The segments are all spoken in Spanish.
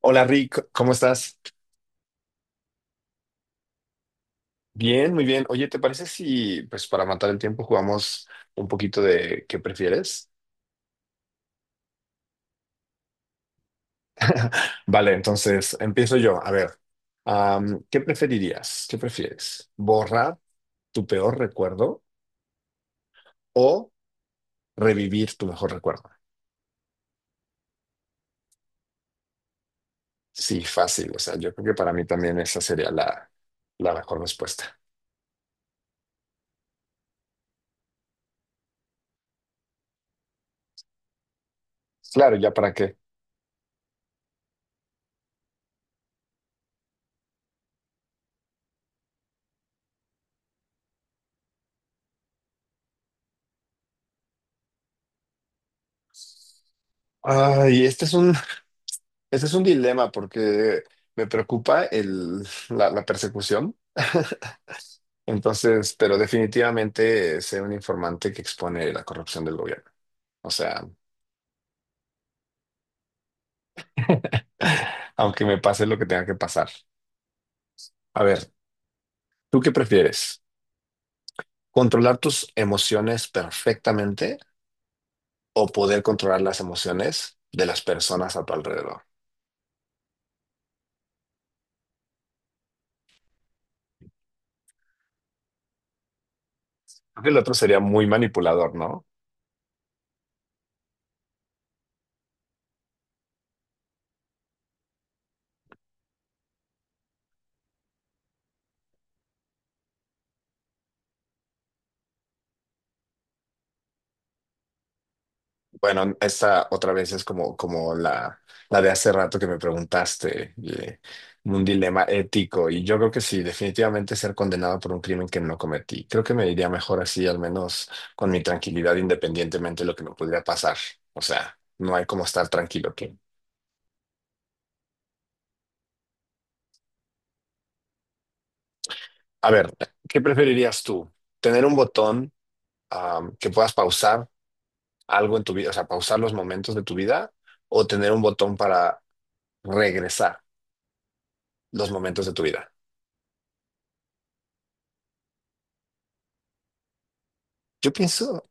Hola, Rick, ¿cómo estás? Bien, muy bien. Oye, ¿te parece si, pues, para matar el tiempo jugamos un poquito de qué prefieres? Vale, entonces empiezo yo. A ver, ¿qué preferirías? ¿Qué prefieres? ¿Borrar tu peor recuerdo o revivir tu mejor recuerdo? Sí, fácil. O sea, yo creo que para mí también esa sería la mejor respuesta. Claro, ¿ya para qué? Ay, este es un dilema porque me preocupa la persecución. Entonces, pero definitivamente sé un informante que expone la corrupción del gobierno. O sea, aunque me pase lo que tenga que pasar. A ver, ¿tú qué prefieres? ¿Controlar tus emociones perfectamente o poder controlar las emociones de las personas a tu alrededor? Creo que el otro sería muy manipulador, ¿no? Bueno, esta otra vez es como la de hace rato que me preguntaste, un dilema ético, y yo creo que sí, definitivamente ser condenado por un crimen que no cometí. Creo que me iría mejor así, al menos con mi tranquilidad, independientemente de lo que me pudiera pasar. O sea, no hay como estar tranquilo aquí. A ver, ¿qué preferirías tú? ¿Tener un botón, que puedas pausar algo en tu vida, o sea, pausar los momentos de tu vida, o tener un botón para regresar los momentos de tu vida? Yo pienso.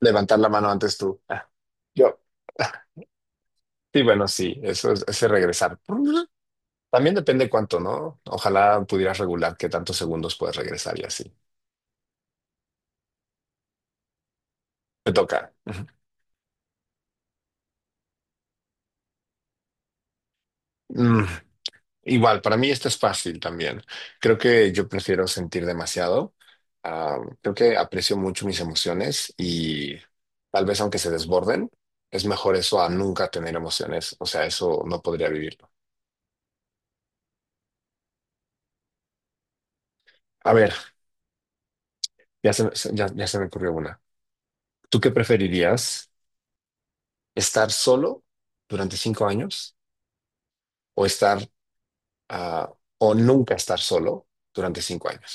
Levantar la mano antes tú. Ah, yo. Sí, bueno, sí, eso es ese regresar. También depende cuánto, ¿no? Ojalá pudieras regular qué tantos segundos puedes regresar y así. Me toca. Mm, Igual, para mí esto es fácil también. Creo que yo prefiero sentir demasiado. Ah, creo que aprecio mucho mis emociones y tal vez aunque se desborden, es mejor eso a nunca tener emociones. O sea, eso no podría vivirlo. A ver, ya se me ocurrió una. ¿Tú qué preferirías? Estar solo durante 5 años o ah, o nunca estar solo durante 5 años.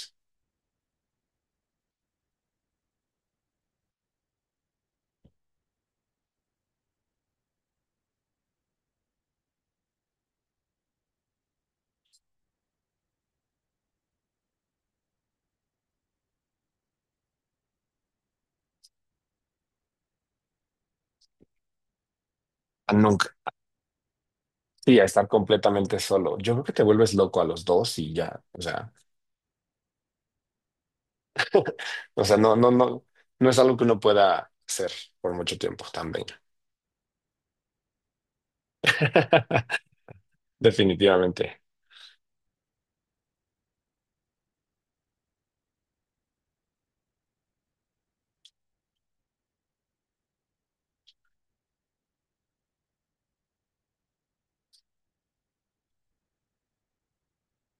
A nunca. Sí, a estar completamente solo. Yo creo que te vuelves loco a los dos y ya. O sea, o sea, no, no, no, no es algo que uno pueda hacer por mucho tiempo también. Definitivamente.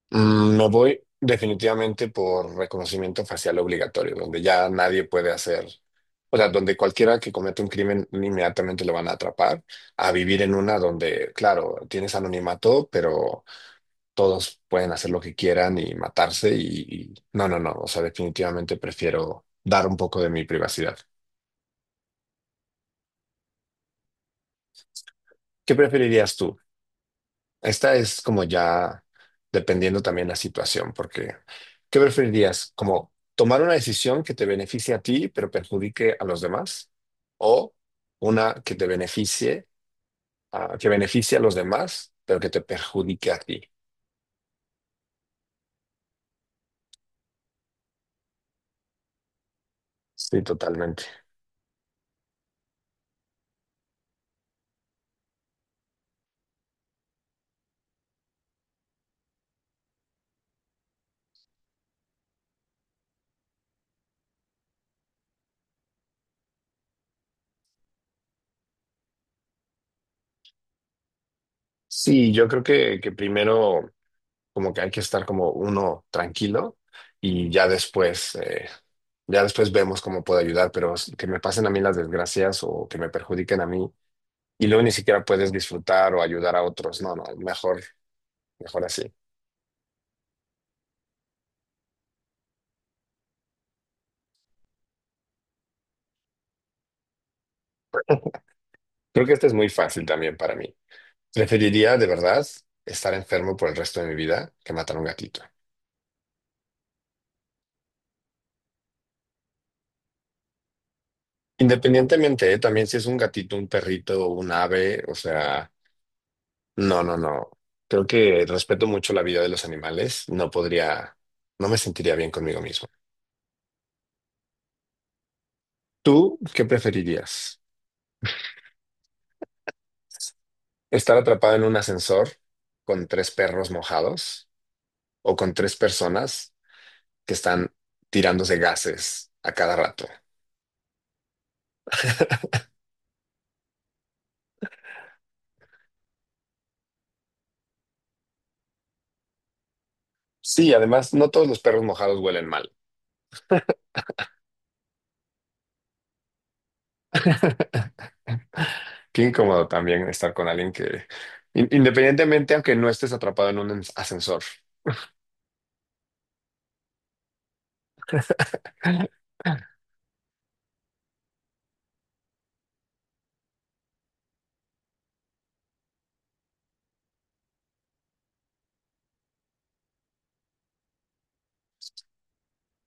Me voy definitivamente por reconocimiento facial obligatorio, donde ya nadie puede hacer, o sea, donde cualquiera que cometa un crimen inmediatamente lo van a atrapar, a vivir en una donde, claro, tienes anonimato, pero todos pueden hacer lo que quieran y matarse no, no, no, o sea, definitivamente prefiero dar un poco de mi privacidad. ¿Qué preferirías tú? Esta es como ya dependiendo también la situación, porque ¿qué preferirías? ¿Como tomar una decisión que te beneficie a ti pero perjudique a los demás? ¿O una que beneficie a los demás pero que te perjudique a ti? Sí, totalmente. Sí, yo creo que primero como que hay que estar como uno tranquilo y ya después vemos cómo puedo ayudar, pero que me pasen a mí las desgracias o que me perjudiquen a mí, y luego ni siquiera puedes disfrutar o ayudar a otros. No, no, mejor así. Creo que este es muy fácil también para mí. Preferiría de verdad estar enfermo por el resto de mi vida que matar a un gatito. Independientemente, ¿eh? También si es un gatito, un perrito, un ave, o sea, no, no, no. Creo que respeto mucho la vida de los animales. No podría, no me sentiría bien conmigo mismo. ¿Tú qué preferirías? ¿Estar atrapado en un ascensor con tres perros mojados o con tres personas que están tirándose gases a cada rato? Sí, además, no todos los perros mojados huelen mal. Qué incómodo también estar con alguien que, independientemente, aunque no estés atrapado en un ascensor,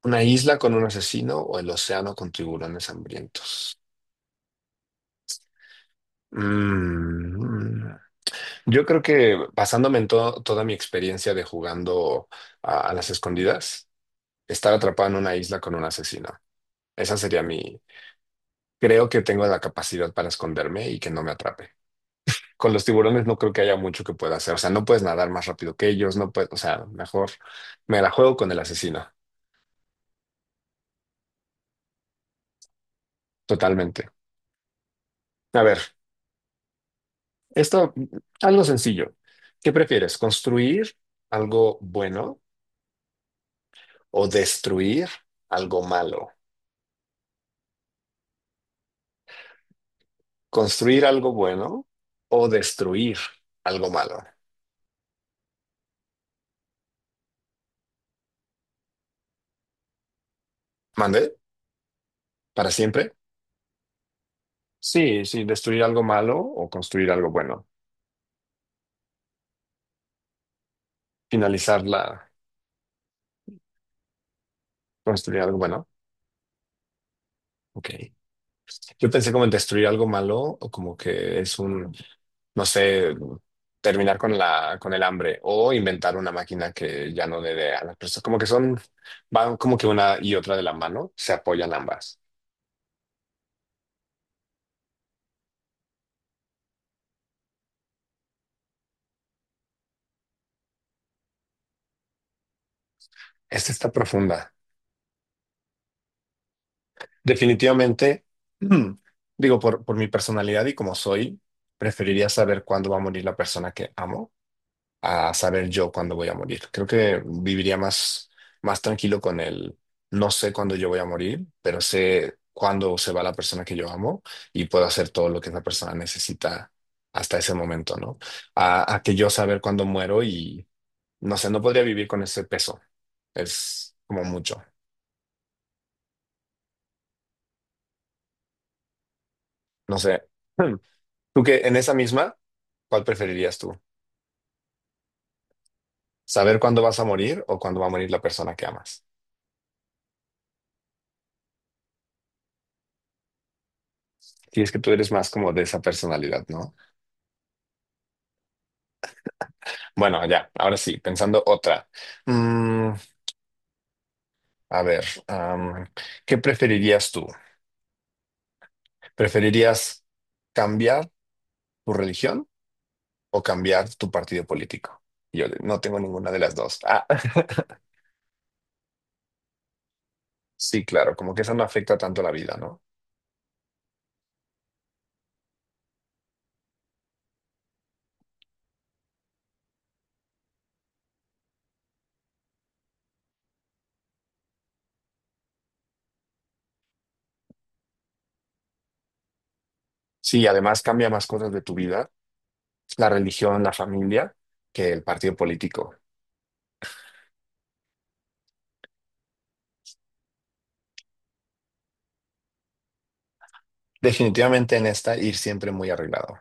una isla con un asesino o el océano con tiburones hambrientos. Mm. Yo creo que basándome en toda mi experiencia de jugando a las escondidas, estar atrapado en una isla con un asesino. Esa sería mi... Creo que tengo la capacidad para esconderme y que no me atrape. Con los tiburones no creo que haya mucho que pueda hacer. O sea, no puedes nadar más rápido que ellos, no puedes, o sea, mejor me la juego con el asesino, totalmente. A ver, esto, algo sencillo. ¿Qué prefieres? ¿Construir algo bueno o destruir algo malo? ¿Construir algo bueno o destruir algo malo? ¿Mande? ¿Para siempre? Sí, sí, destruir algo malo o construir algo bueno. Finalizarla, construir algo bueno. Ok. Yo pensé como en destruir algo malo o como que es un, no sé, terminar con la, con el hambre o inventar una máquina que ya no le dé a las personas. Como que son, van como que una y otra de la mano, se apoyan ambas. Esta está profunda. Definitivamente, mm, digo, por mi personalidad y como soy, preferiría saber cuándo va a morir la persona que amo a saber yo cuándo voy a morir. Creo que viviría más tranquilo con el no sé cuándo yo voy a morir, pero sé cuándo se va la persona que yo amo y puedo hacer todo lo que esa persona necesita hasta ese momento, ¿no? A que yo saber cuándo muero y no sé, no podría vivir con ese peso. Es como mucho. No sé. Hmm. Tú que en esa misma, ¿cuál preferirías tú? ¿Saber cuándo vas a morir o cuándo va a morir la persona que amas? Y es que tú eres más como de esa personalidad. Bueno, ya, ahora sí, pensando otra. Mm, a ver, ¿qué preferirías tú? ¿Preferirías cambiar tu religión o cambiar tu partido político? Yo no tengo ninguna de las dos. Ah, sí, claro, como que eso no afecta tanto la vida, ¿no? Sí, además cambia más cosas de tu vida, la religión, la familia, que el partido político. Definitivamente en esta ir siempre muy arreglado.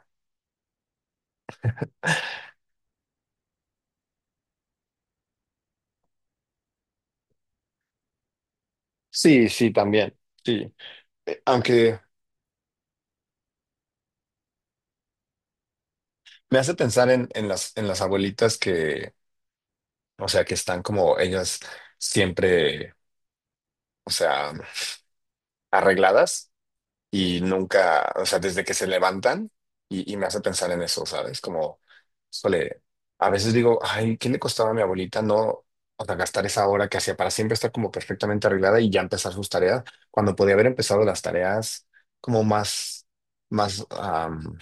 Sí, sí, también. Sí. Aunque me hace pensar en las abuelitas que o sea, que están como ellas siempre, o sea, arregladas y nunca, o sea, desde que se levantan y me hace pensar en eso, ¿sabes? Suele, a veces digo, ay, ¿qué le costaba a mi abuelita no, o sea, gastar esa hora que hacía para siempre estar como perfectamente arreglada y ya empezar sus tareas cuando podía haber empezado las tareas como más, más, am,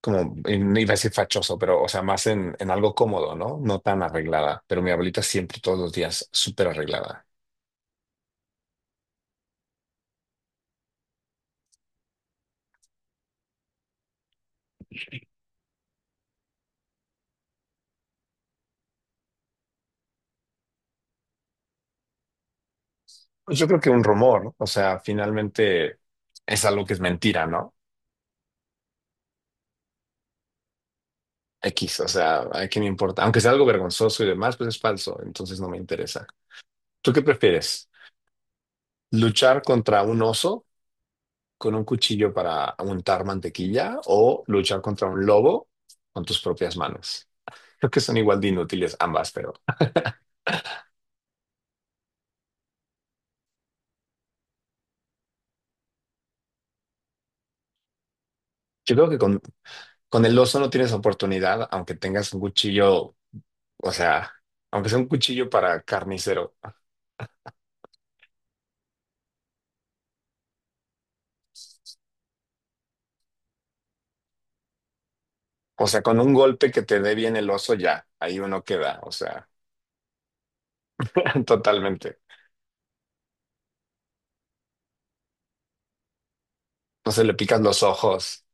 como, y no iba a decir fachoso, pero, o sea, más en algo cómodo, ¿no? No tan arreglada, pero mi abuelita siempre todos los días súper arreglada. Pues yo creo que un rumor, ¿no? O sea, finalmente es algo que es mentira, ¿no? X, o sea, ¿a quién me importa? Aunque sea algo vergonzoso y demás, pues es falso, entonces no me interesa. ¿Tú qué prefieres? ¿Luchar contra un oso con un cuchillo para untar mantequilla o luchar contra un lobo con tus propias manos? Creo que son igual de inútiles ambas, pero yo creo que con el oso no tienes oportunidad, aunque tengas un cuchillo, o sea, aunque sea un cuchillo para carnicero. O sea, con un golpe que te dé bien el oso ya, ahí uno queda, o sea, totalmente. No se le pican los ojos.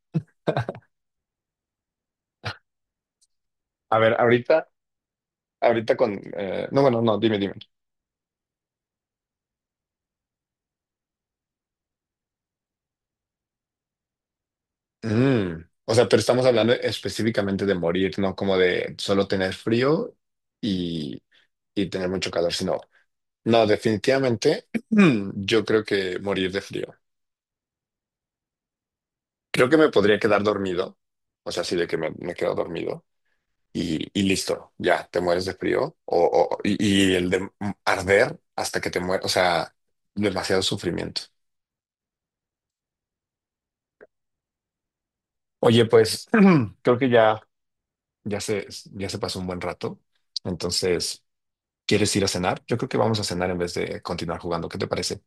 A ver, ahorita, ahorita con... no, bueno, no, dime, dime. O sea, pero estamos hablando específicamente de morir, no como de solo tener frío y, y tener mucho calor, sino... No, definitivamente yo creo que morir de frío. Creo que me podría quedar dormido, o sea, sí de que me quedo dormido, y listo, ya te mueres de frío y el de arder hasta que te mueres, o sea, demasiado sufrimiento. Oye, pues creo que ya se, ya se pasó un buen rato, entonces, ¿quieres ir a cenar? Yo creo que vamos a cenar en vez de continuar jugando, ¿qué te parece?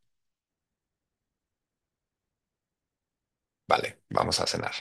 Vale, vamos a cenar.